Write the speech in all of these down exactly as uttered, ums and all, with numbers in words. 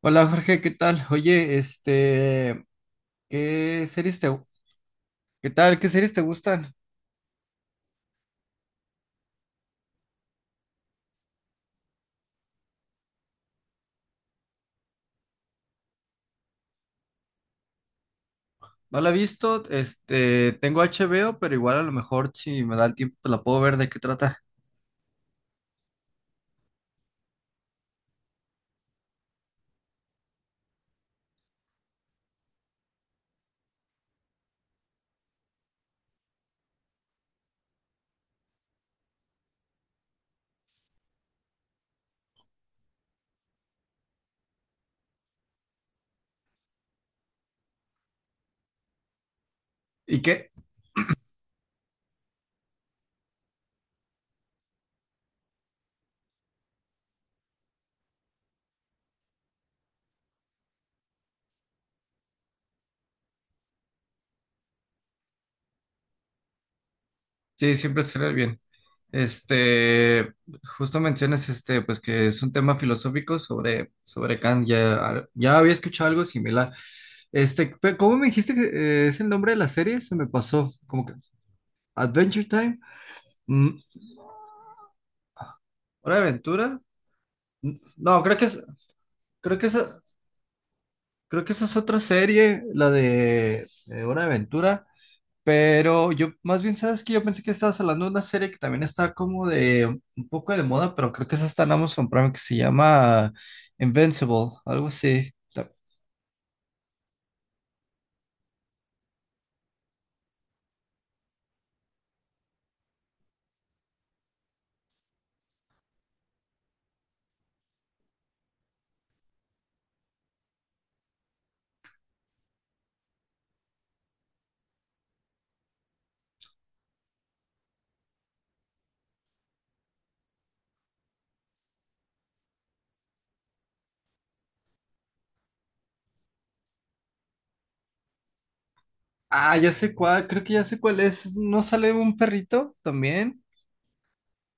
Hola Jorge, ¿qué tal? Oye, este, ¿qué series te, qué tal? ¿Qué series te gustan? No la he visto, este, tengo H B O, pero igual a lo mejor si me da el tiempo pues la puedo ver de qué trata. ¿Y qué? Sí, siempre sale bien. Este, justo mencionas este, pues que es un tema filosófico sobre, sobre Kant, ya, ya había escuchado algo similar. Este, pe- ¿cómo me dijiste que eh, es el nombre de la serie? Se me pasó, como que Adventure Time. Mm, Hora de Aventura. No, creo que es, creo que esa, creo que esa es otra serie, la de eh, Hora de Aventura. Pero yo, más bien, ¿sabes que yo pensé que estabas hablando de una serie que también está como de un poco de moda, pero creo que esa está en Amazon Prime, que se llama Invincible, algo así. Ta- Ah, ya sé cuál, creo que ya sé cuál es. ¿No sale un perrito también?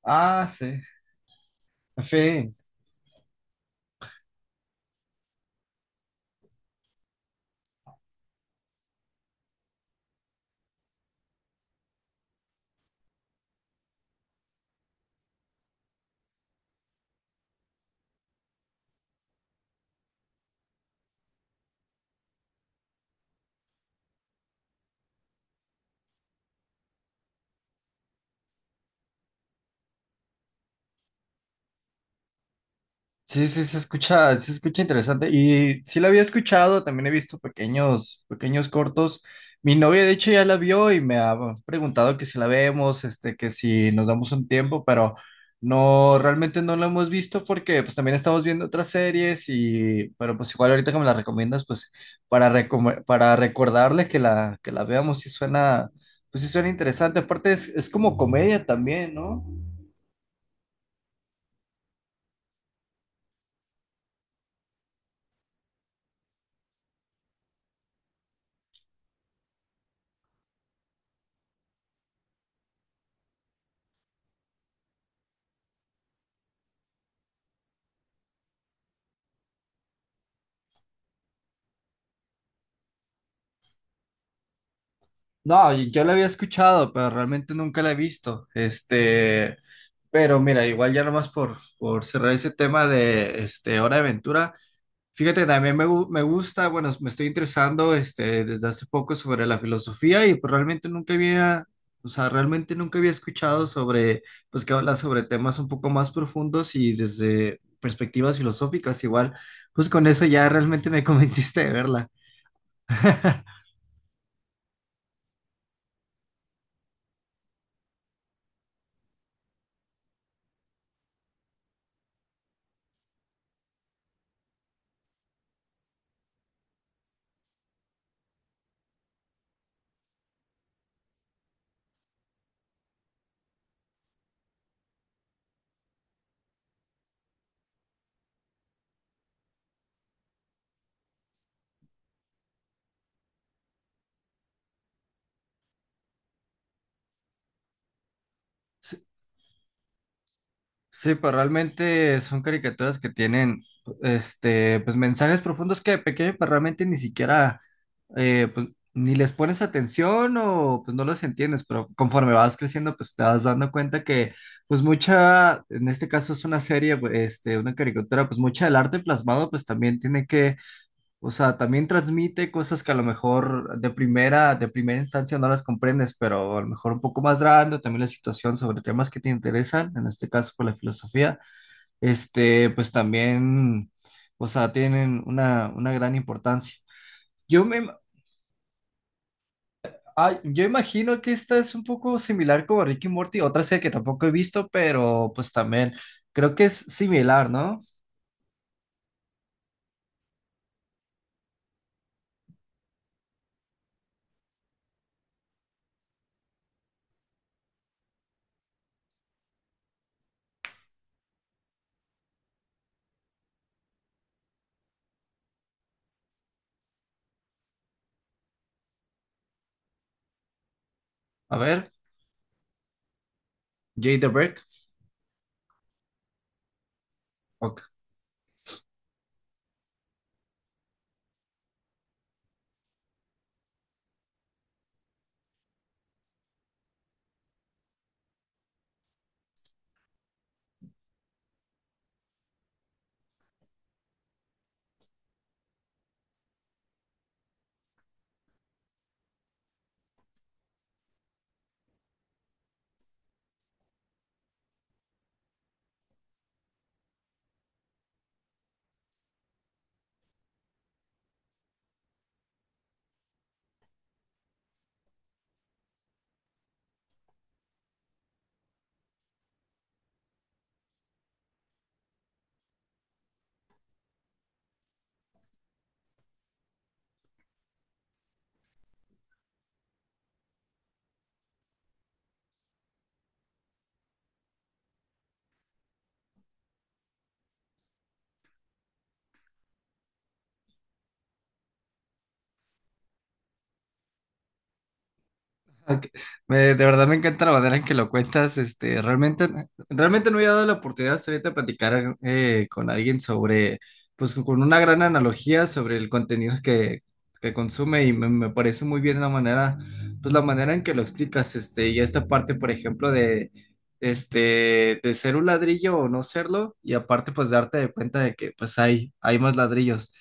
Ah, sí. En fin. Sí, sí, se escucha, se escucha interesante. Y sí la había escuchado, también he visto pequeños, pequeños cortos. Mi novia, de hecho, ya la vio y me ha preguntado que si la vemos, este, que si nos damos un tiempo, pero no, realmente no la hemos visto porque pues también estamos viendo otras series y, pero pues igual ahorita que me la recomiendas, pues para, recome- para recordarle que la, que la veamos, sí suena, pues sí suena interesante. Aparte es, es como comedia también, ¿no? No, y yo la había escuchado, pero realmente nunca la he visto. Este, pero mira, igual ya nomás por, por cerrar ese tema de este, Hora de Aventura. Fíjate, también me, gu- me gusta, bueno, me estoy interesando este, desde hace poco sobre la filosofía y pues, realmente nunca había, o sea, realmente nunca había escuchado sobre, pues que habla sobre temas un poco más profundos y desde perspectivas filosóficas igual, pues con eso ya realmente me convenciste de verla. Sí, pues realmente son caricaturas que tienen, este, pues mensajes profundos que de pequeño, pues realmente ni siquiera, eh, pues ni les pones atención o pues no los entiendes, pero conforme vas creciendo, pues te vas dando cuenta que, pues mucha, en este caso es una serie, pues, este, una caricatura, pues mucha del arte plasmado, pues también tiene que o sea, también transmite cosas que a lo mejor de primera, de primera instancia no las comprendes, pero a lo mejor un poco más grande, también la situación sobre temas que te interesan, en este caso por la filosofía, este, pues también, o sea, tienen una, una gran importancia. Yo me, ah, yo imagino que esta es un poco similar como Ricky y Morty, otra serie que tampoco he visto, pero pues también creo que es similar, ¿no? A ver, Jay the Brick, ok. Ok. Me- de verdad me encanta la manera en que lo cuentas. Este, realmente, realmente no había dado la oportunidad hasta ahorita de platicar eh, con alguien sobre, pues con una gran analogía sobre el contenido que, que consume y me, me parece muy bien la manera, pues la manera en que lo explicas. Este, y esta parte, por ejemplo, de, este, de ser un ladrillo o no serlo y aparte, pues darte de cuenta de que, pues hay, hay más ladrillos.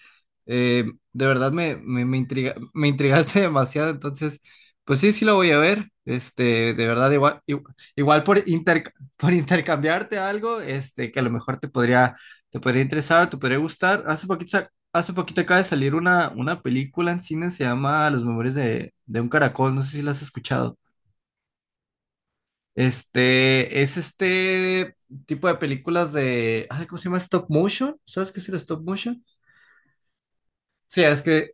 Eh, de verdad me, me, me intriga, me intrigaste demasiado, entonces. Pues sí, sí lo voy a ver. Este, de verdad, igual, igu- igual, por inter- por intercambiarte algo, este, que a lo mejor te podría, te podría interesar, te podría gustar. Hace poquito, sa- hace poquito acaba de salir una, una película en cine, se llama Los Memorias de, de un Caracol, no sé si la has escuchado. Este, es este tipo de películas de, ay, ¿cómo se llama? Stop motion. ¿Sabes qué es el stop motion? Sí, es que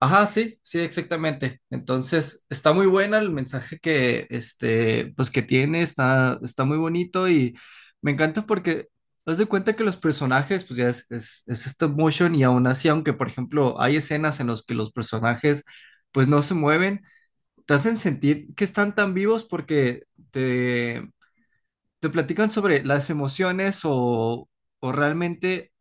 ajá, sí, sí, exactamente. Entonces, está muy buena el mensaje que, este, pues que tiene, está, está muy bonito y me encanta porque haz de cuenta que los personajes, pues ya es, es, es stop motion y aún así, aunque por ejemplo hay escenas en las que los personajes pues no se mueven, te hacen sentir que están tan vivos porque te, te platican sobre las emociones o, o realmente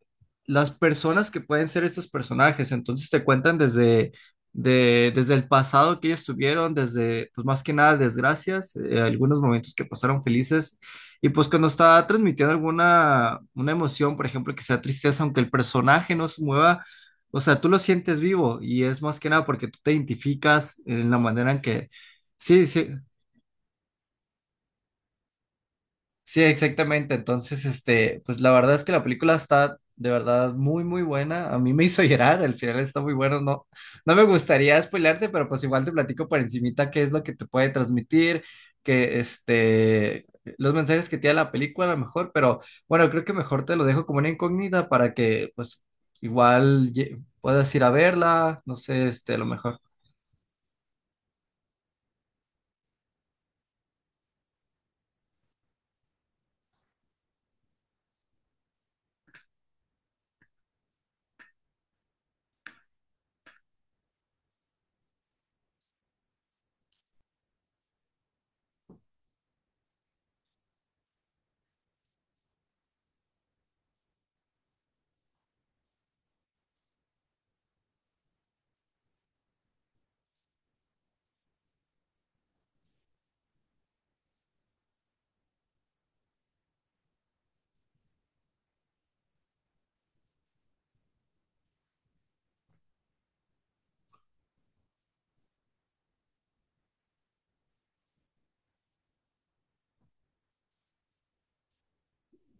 las personas que pueden ser estos personajes. Entonces te cuentan desde, de, desde el pasado que ellos tuvieron, desde, pues más que nada, desgracias, eh, algunos momentos que pasaron felices. Y pues cuando está transmitiendo alguna una emoción, por ejemplo, que sea tristeza, aunque el personaje no se mueva, o sea, tú lo sientes vivo y es más que nada porque tú te identificas en la manera en que... Sí, sí, sí, exactamente. Entonces, este, pues la verdad es que la película está de verdad muy, muy buena. A mí me hizo llorar, el final está muy bueno. No, no me gustaría spoilearte, pero pues igual te platico por encimita qué es lo que te puede transmitir, que este, los mensajes que tiene la película a lo mejor, pero bueno, creo que mejor te lo dejo como una incógnita para que pues igual ye- puedas ir a verla, no sé, este, a lo mejor.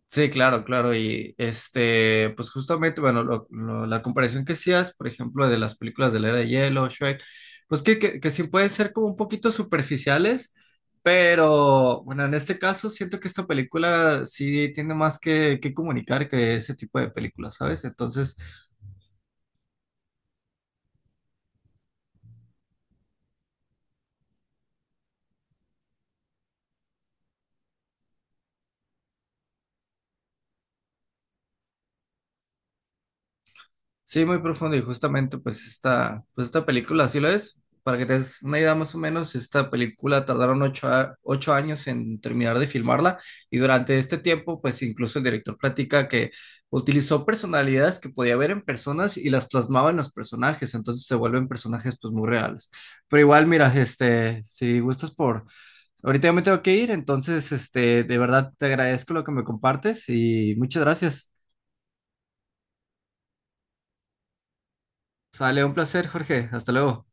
Sí, claro, claro. Y este, pues justamente, bueno, lo- lo- la comparación que hacías, por ejemplo, de las películas de la Era de Hielo, Shrek, pues que, que, que sí pueden ser como un poquito superficiales, pero bueno, en este caso siento que esta película sí tiene más que, que comunicar que ese tipo de películas, ¿sabes? Entonces, sí, muy profundo y justamente pues esta, pues esta película así lo es. Para que te des una idea más o menos, esta película tardaron ocho, a- ocho años en terminar de filmarla y durante este tiempo pues incluso el director platica que utilizó personalidades que podía ver en personas y las plasmaba en los personajes, entonces se vuelven personajes pues muy reales. Pero igual, mira, este, si gustas por... Ahorita ya me tengo que ir, entonces este, de verdad te agradezco lo que me compartes y muchas gracias. Sale un placer, Jorge. Hasta luego.